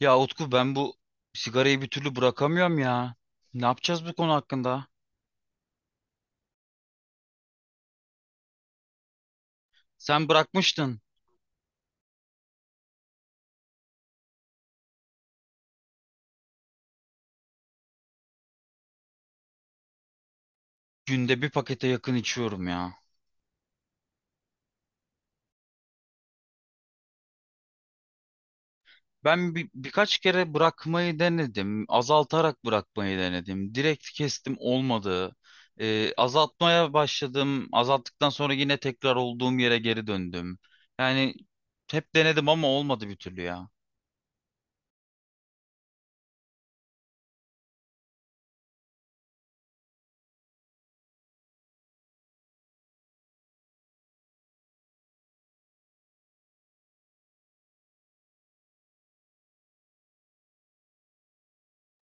Ya Utku ben bu sigarayı bir türlü bırakamıyorum ya. Ne yapacağız bu konu hakkında? Sen bırakmıştın. Günde bir pakete yakın içiyorum ya. Ben birkaç kere bırakmayı denedim. Azaltarak bırakmayı denedim. Direkt kestim olmadı. Azaltmaya başladım. Azalttıktan sonra yine tekrar olduğum yere geri döndüm. Yani hep denedim ama olmadı bir türlü ya.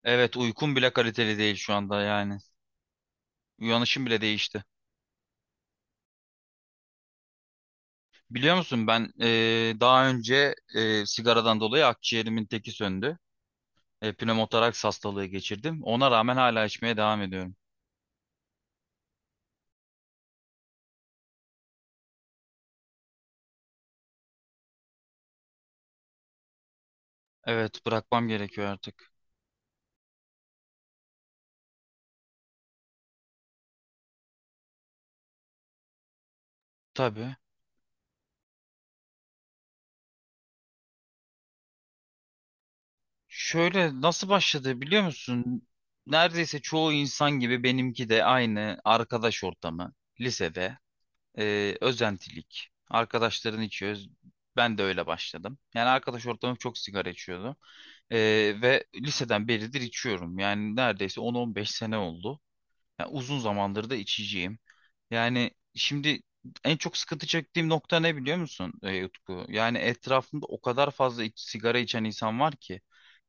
Evet, uykum bile kaliteli değil şu anda yani. Uyanışım bile değişti. Biliyor musun ben daha önce sigaradan dolayı akciğerimin teki söndü. Pnömotoraks hastalığı geçirdim. Ona rağmen hala içmeye devam ediyorum. Evet, bırakmam gerekiyor artık. Tabii. Şöyle nasıl başladı biliyor musun? Neredeyse çoğu insan gibi benimki de aynı arkadaş ortamı. Lisede özentilik. Arkadaşların içiyoruz. Ben de öyle başladım. Yani arkadaş ortamım çok sigara içiyordu. Ve liseden beridir içiyorum. Yani neredeyse 10-15 sene oldu. Ya uzun zamandır da içiciyim. Yani şimdi en çok sıkıntı çektiğim nokta ne biliyor musun Utku? Yani etrafımda o kadar fazla sigara içen insan var ki.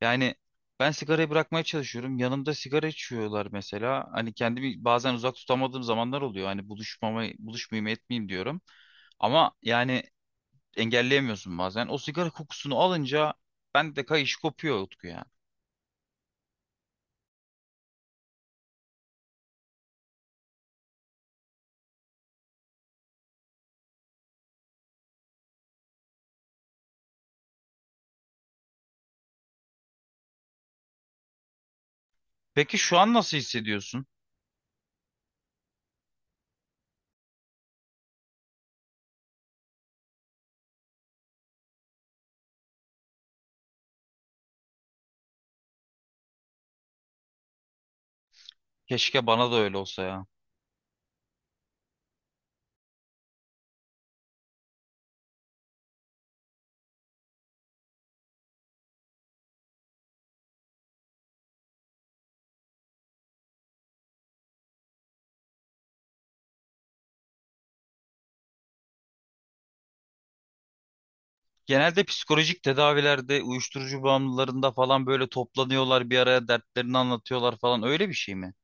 Yani ben sigarayı bırakmaya çalışıyorum. Yanımda sigara içiyorlar mesela. Hani kendimi bazen uzak tutamadığım zamanlar oluyor. Hani buluşmayayım etmeyeyim diyorum. Ama yani engelleyemiyorsun bazen. O sigara kokusunu alınca bende de kayış kopuyor Utku ya. Peki şu an nasıl hissediyorsun? Keşke bana da öyle olsa ya. Genelde psikolojik tedavilerde, uyuşturucu bağımlılarında falan böyle toplanıyorlar bir araya, dertlerini anlatıyorlar falan, öyle bir şey mi?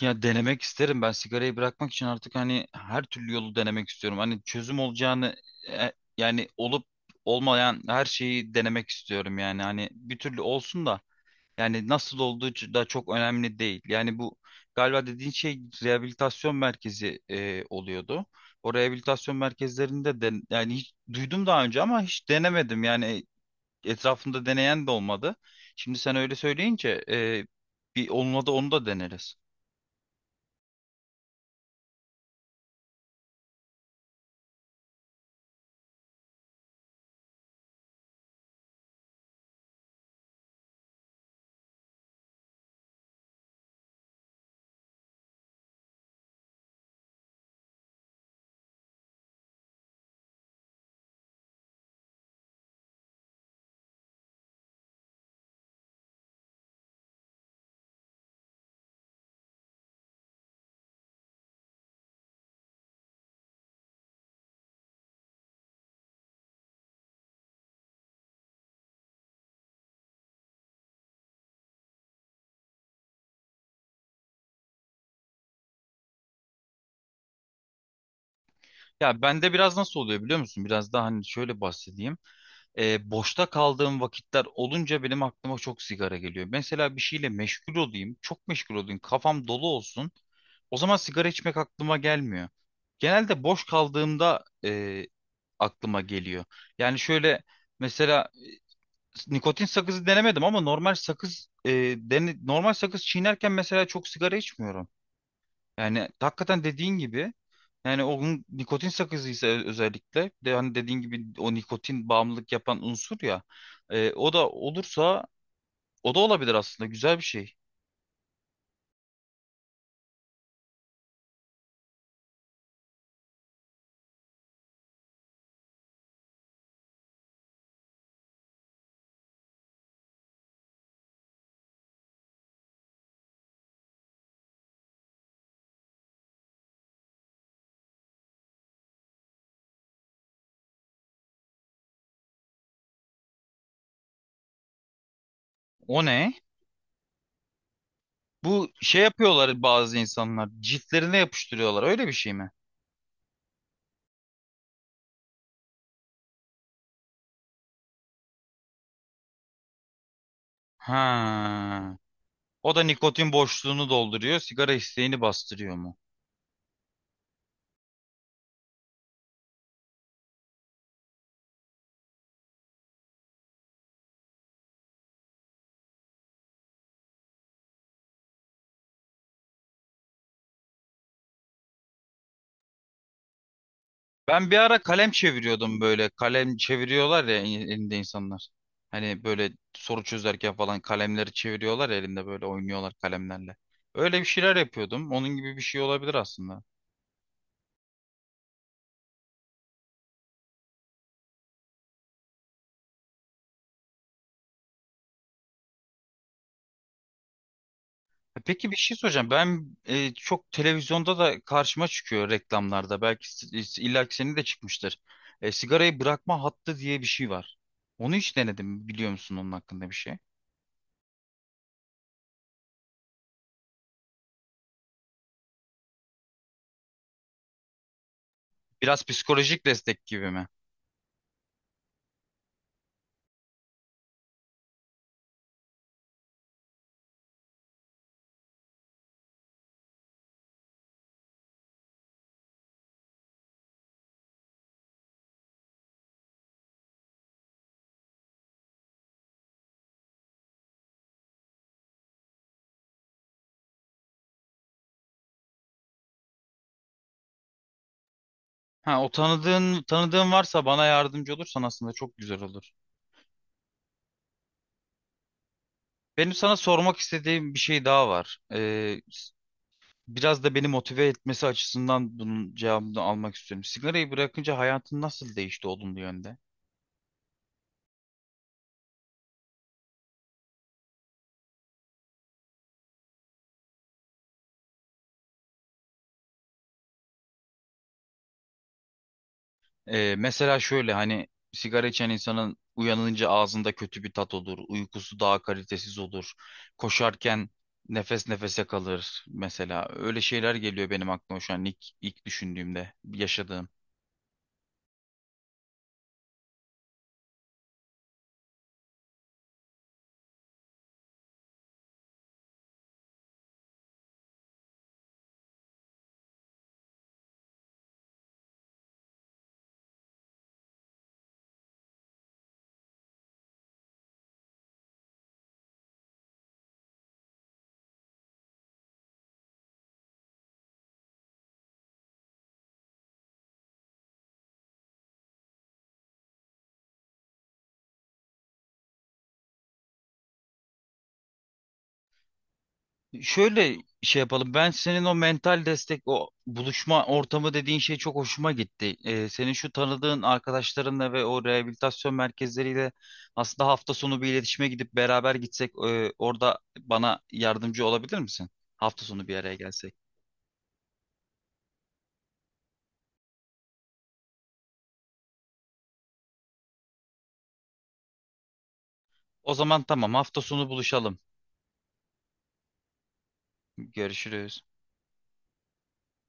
Ya denemek isterim, ben sigarayı bırakmak için artık hani her türlü yolu denemek istiyorum. Hani çözüm olacağını e, yani olup olmayan her şeyi denemek istiyorum yani, hani bir türlü olsun da. Yani nasıl olduğu da çok önemli değil. Yani bu galiba dediğin şey rehabilitasyon merkezi oluyordu. O rehabilitasyon merkezlerinde de yani, hiç duydum daha önce ama hiç denemedim. Yani etrafımda deneyen de olmadı. Şimdi sen öyle söyleyince bir onunla da onu da deneriz. Ya bende biraz nasıl oluyor biliyor musun? Biraz daha hani şöyle bahsedeyim. Boşta kaldığım vakitler olunca benim aklıma çok sigara geliyor. Mesela bir şeyle meşgul olayım, çok meşgul olayım, kafam dolu olsun. O zaman sigara içmek aklıma gelmiyor. Genelde boş kaldığımda aklıma geliyor. Yani şöyle, mesela nikotin sakızı denemedim ama normal sakız normal sakız çiğnerken mesela çok sigara içmiyorum. Yani hakikaten dediğin gibi, yani onun nikotin sakızıysa özellikle, bir de hani dediğin gibi o nikotin bağımlılık yapan unsur ya, o da olursa o da olabilir aslında, güzel bir şey. O ne? Bu şey yapıyorlar bazı insanlar, ciltlerine yapıştırıyorlar, öyle bir şey mi? Ha. O da nikotin boşluğunu dolduruyor, sigara isteğini bastırıyor. Ben bir ara kalem çeviriyordum böyle. Kalem çeviriyorlar ya, elinde insanlar. Hani böyle soru çözerken falan kalemleri çeviriyorlar ya, elinde böyle oynuyorlar kalemlerle. Öyle bir şeyler yapıyordum. Onun gibi bir şey olabilir aslında. Peki, bir şey soracağım. Ben çok televizyonda da karşıma çıkıyor reklamlarda. Belki illa ki senin de çıkmıştır. Sigarayı bırakma hattı diye bir şey var. Onu hiç denedim mi? Biliyor musun onun hakkında bir şey? Biraz psikolojik destek gibi mi? Ha, o tanıdığın varsa bana yardımcı olursan aslında çok güzel olur. Benim sana sormak istediğim bir şey daha var. Biraz da beni motive etmesi açısından bunun cevabını almak istiyorum. Sigarayı bırakınca hayatın nasıl değişti olumlu yönde? Mesela şöyle, hani sigara içen insanın uyanınca ağzında kötü bir tat olur, uykusu daha kalitesiz olur, koşarken nefes nefese kalır mesela. Öyle şeyler geliyor benim aklıma şu an, ilk düşündüğümde yaşadığım. Şöyle şey yapalım. Ben senin o mental destek, o buluşma ortamı dediğin şey çok hoşuma gitti. Senin şu tanıdığın arkadaşlarınla ve o rehabilitasyon merkezleriyle aslında hafta sonu bir iletişime gidip beraber gitsek, orada bana yardımcı olabilir misin? Hafta sonu bir araya gelsek. O zaman tamam, hafta sonu buluşalım. Görüşürüz.